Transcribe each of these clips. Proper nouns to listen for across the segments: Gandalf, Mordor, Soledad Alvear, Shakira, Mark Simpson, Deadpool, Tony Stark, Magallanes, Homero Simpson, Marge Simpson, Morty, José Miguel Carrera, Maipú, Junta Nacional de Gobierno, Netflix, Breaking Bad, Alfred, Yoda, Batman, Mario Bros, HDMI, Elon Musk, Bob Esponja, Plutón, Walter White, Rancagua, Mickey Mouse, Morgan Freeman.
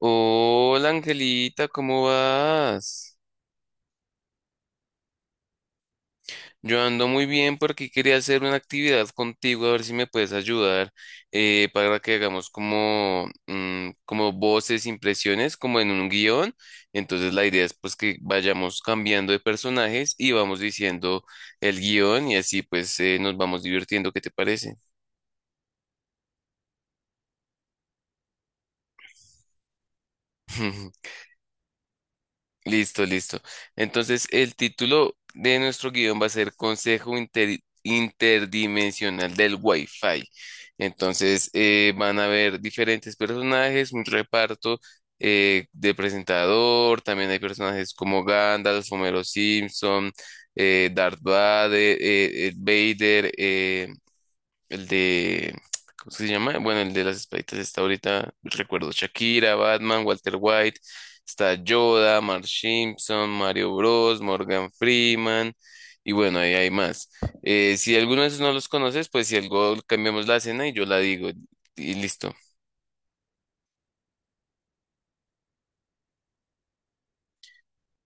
Hola Angelita, ¿cómo vas? Yo ando muy bien porque quería hacer una actividad contigo, a ver si me puedes ayudar para que hagamos como, como voces, impresiones, como en un guión. Entonces la idea es pues que vayamos cambiando de personajes y vamos diciendo el guión y así pues nos vamos divirtiendo, ¿qué te parece? Listo, listo. Entonces, el título de nuestro guión va a ser Consejo Interdimensional del Wi-Fi. Entonces, van a haber diferentes personajes, un reparto de presentador. También hay personajes como Gandalf, Homero Simpson, Darth Vader, Vader, el de, ¿cómo es que se llama? Bueno, el de las espaditas está ahorita, recuerdo Shakira, Batman, Walter White, está Yoda, Mark Simpson, Mario Bros, Morgan Freeman, y bueno, ahí hay más. Si alguno de esos no los conoces, pues si algo cambiamos la escena y yo la digo, y listo.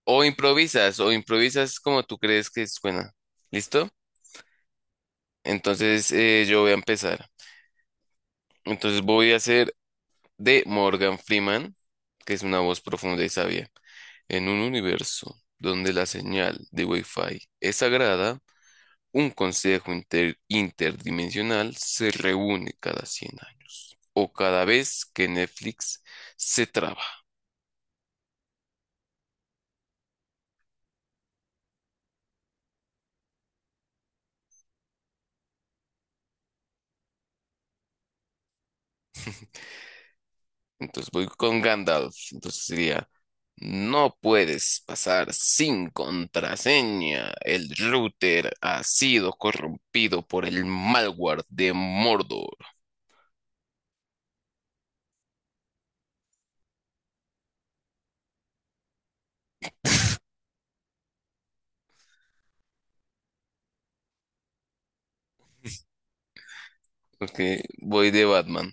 O improvisas como tú crees que suena. ¿Listo? Entonces yo voy a empezar. Entonces voy a hacer de Morgan Freeman, que es una voz profunda y sabia. En un universo donde la señal de Wi-Fi es sagrada, un consejo interdimensional se reúne cada 100 años o cada vez que Netflix se traba. Entonces voy con Gandalf. Entonces sería, no puedes pasar sin contraseña. El router ha sido corrompido por el malware de Mordor. Ok, voy de Batman.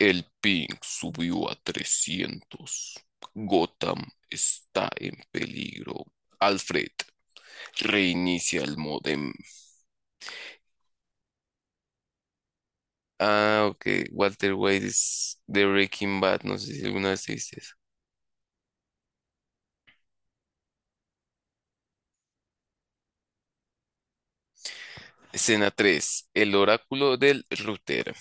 El ping subió a 300. Gotham está en peligro. Alfred, reinicia el modem. Ah, ok. Walter White es de Breaking Bad. No sé si alguna vez viste eso. Escena 3. El oráculo del router.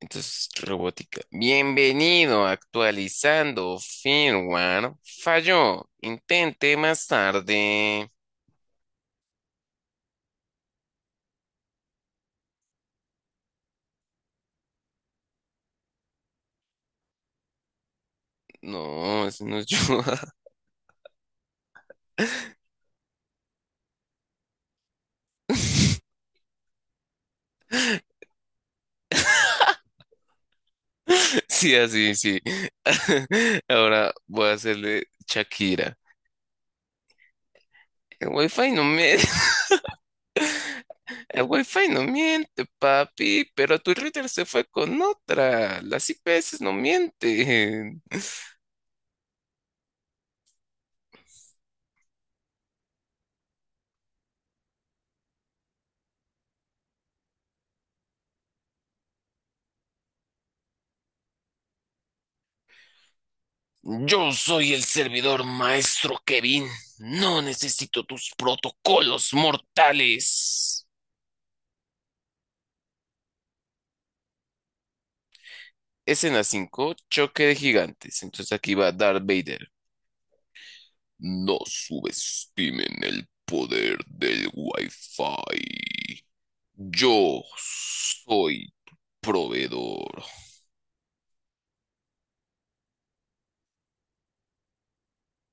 Entonces, robótica. Bienvenido, actualizando firmware. Falló. Intente más tarde. No, eso no es yo. Sí, así, sí. Ahora voy a hacerle Shakira. El wifi no miente, el wifi no miente, papi, pero tu router se fue con otra. Las IPS no mienten. Yo soy el servidor maestro Kevin. No necesito tus protocolos mortales. Escena 5, choque de gigantes. Entonces aquí va Darth Vader. No subestimen el poder del Wi-Fi. Yo soy proveedor.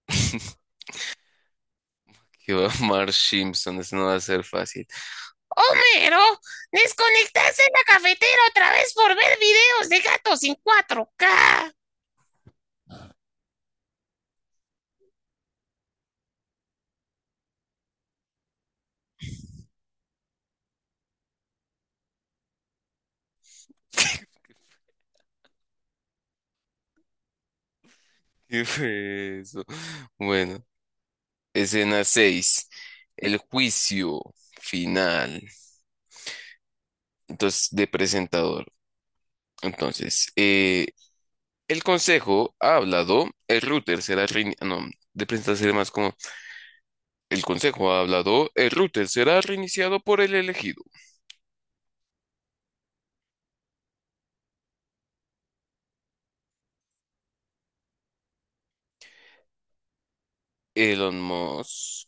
Que va a Marge Simpson, eso no va a ser fácil. ¿Qué fue eso? Bueno, escena 6. El juicio final. Entonces, de presentador. Entonces, el consejo ha hablado, el router será reiniciado. No, de presentar sería más como el consejo ha hablado, el router será reiniciado por el elegido. Elon Musk.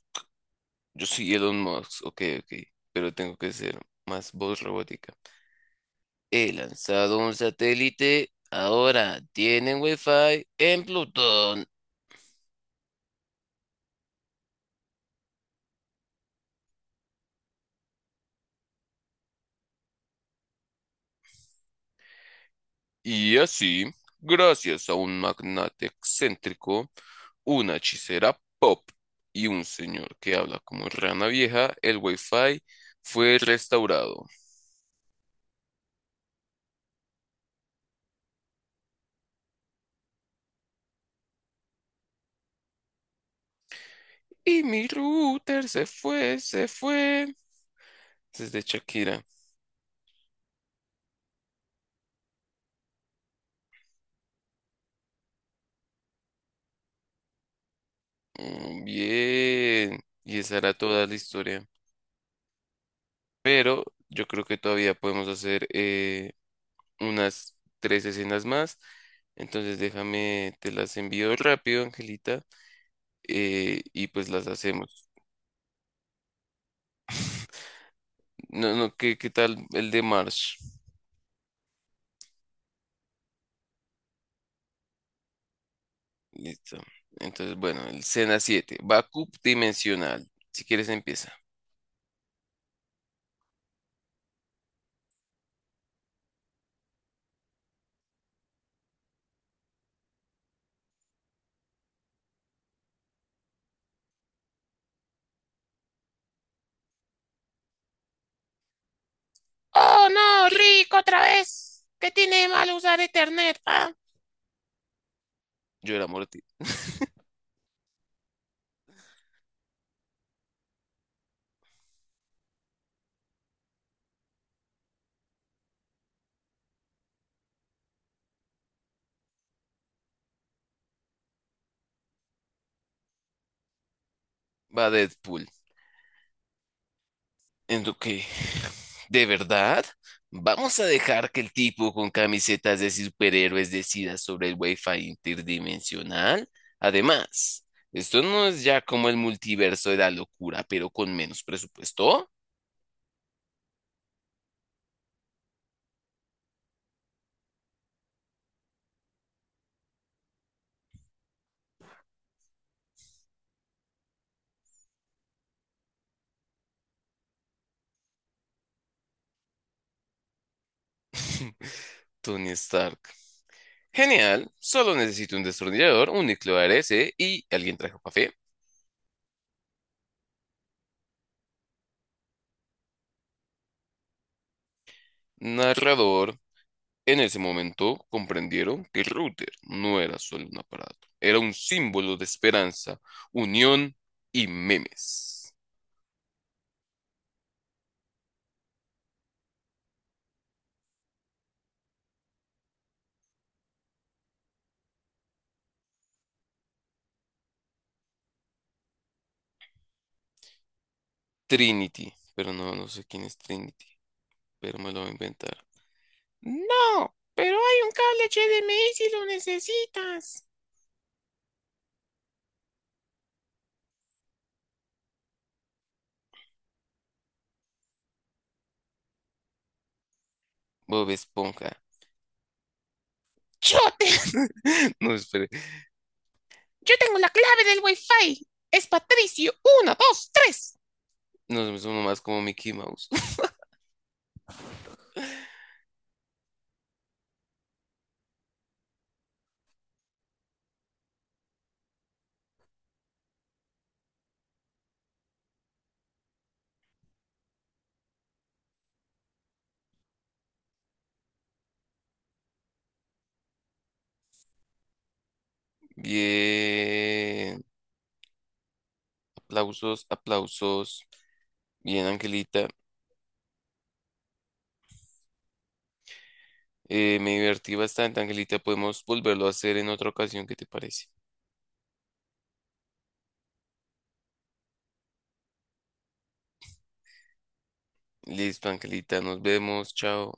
Yo soy Elon Musk, ok, ok, pero tengo que ser más voz robótica. He lanzado un satélite, ahora tienen Wi-Fi en Plutón. Y así, gracias a un magnate excéntrico, una hechicera pop y un señor que habla como rana vieja, el Wi-Fi fue restaurado. Y mi router se fue, se fue. Desde Shakira. Bien. Y esa era toda la historia. Pero yo creo que todavía podemos hacer unas tres escenas más. Entonces déjame, te las envío rápido, Angelita, y pues las hacemos. No, no, ¿qué tal el de Marsh? Listo. Entonces, bueno, el escena 7, Backup dimensional. Si quieres empieza. Oh, no, Rick, otra vez. ¿Qué tiene de malo usar Ethernet? Ah, yo era Morty. Va Deadpool. En lo que, ¿de verdad? ¿Vamos a dejar que el tipo con camisetas de superhéroes decida sobre el Wi-Fi interdimensional? Además, esto no es ya como el multiverso de la locura, pero con menos presupuesto. Tony Stark. Genial, solo necesito un destornillador, un núcleo ARS y alguien trajo café. Narrador. En ese momento comprendieron que el router no era solo un aparato, era un símbolo de esperanza, unión y memes. Trinity, pero no, no sé quién es Trinity, pero me lo voy a inventar. No, pero hay un cable HDMI si lo necesitas. Bob Esponja. Yo, No, espere. Yo tengo la clave del Wi-Fi. Es Patricio. Uno, dos, tres. No, somos más como Mickey Mouse. Bien. Aplausos, aplausos. Bien, Angelita, me divertí bastante, Angelita. Podemos volverlo a hacer en otra ocasión, ¿qué te parece? Listo, Angelita, nos vemos, chao.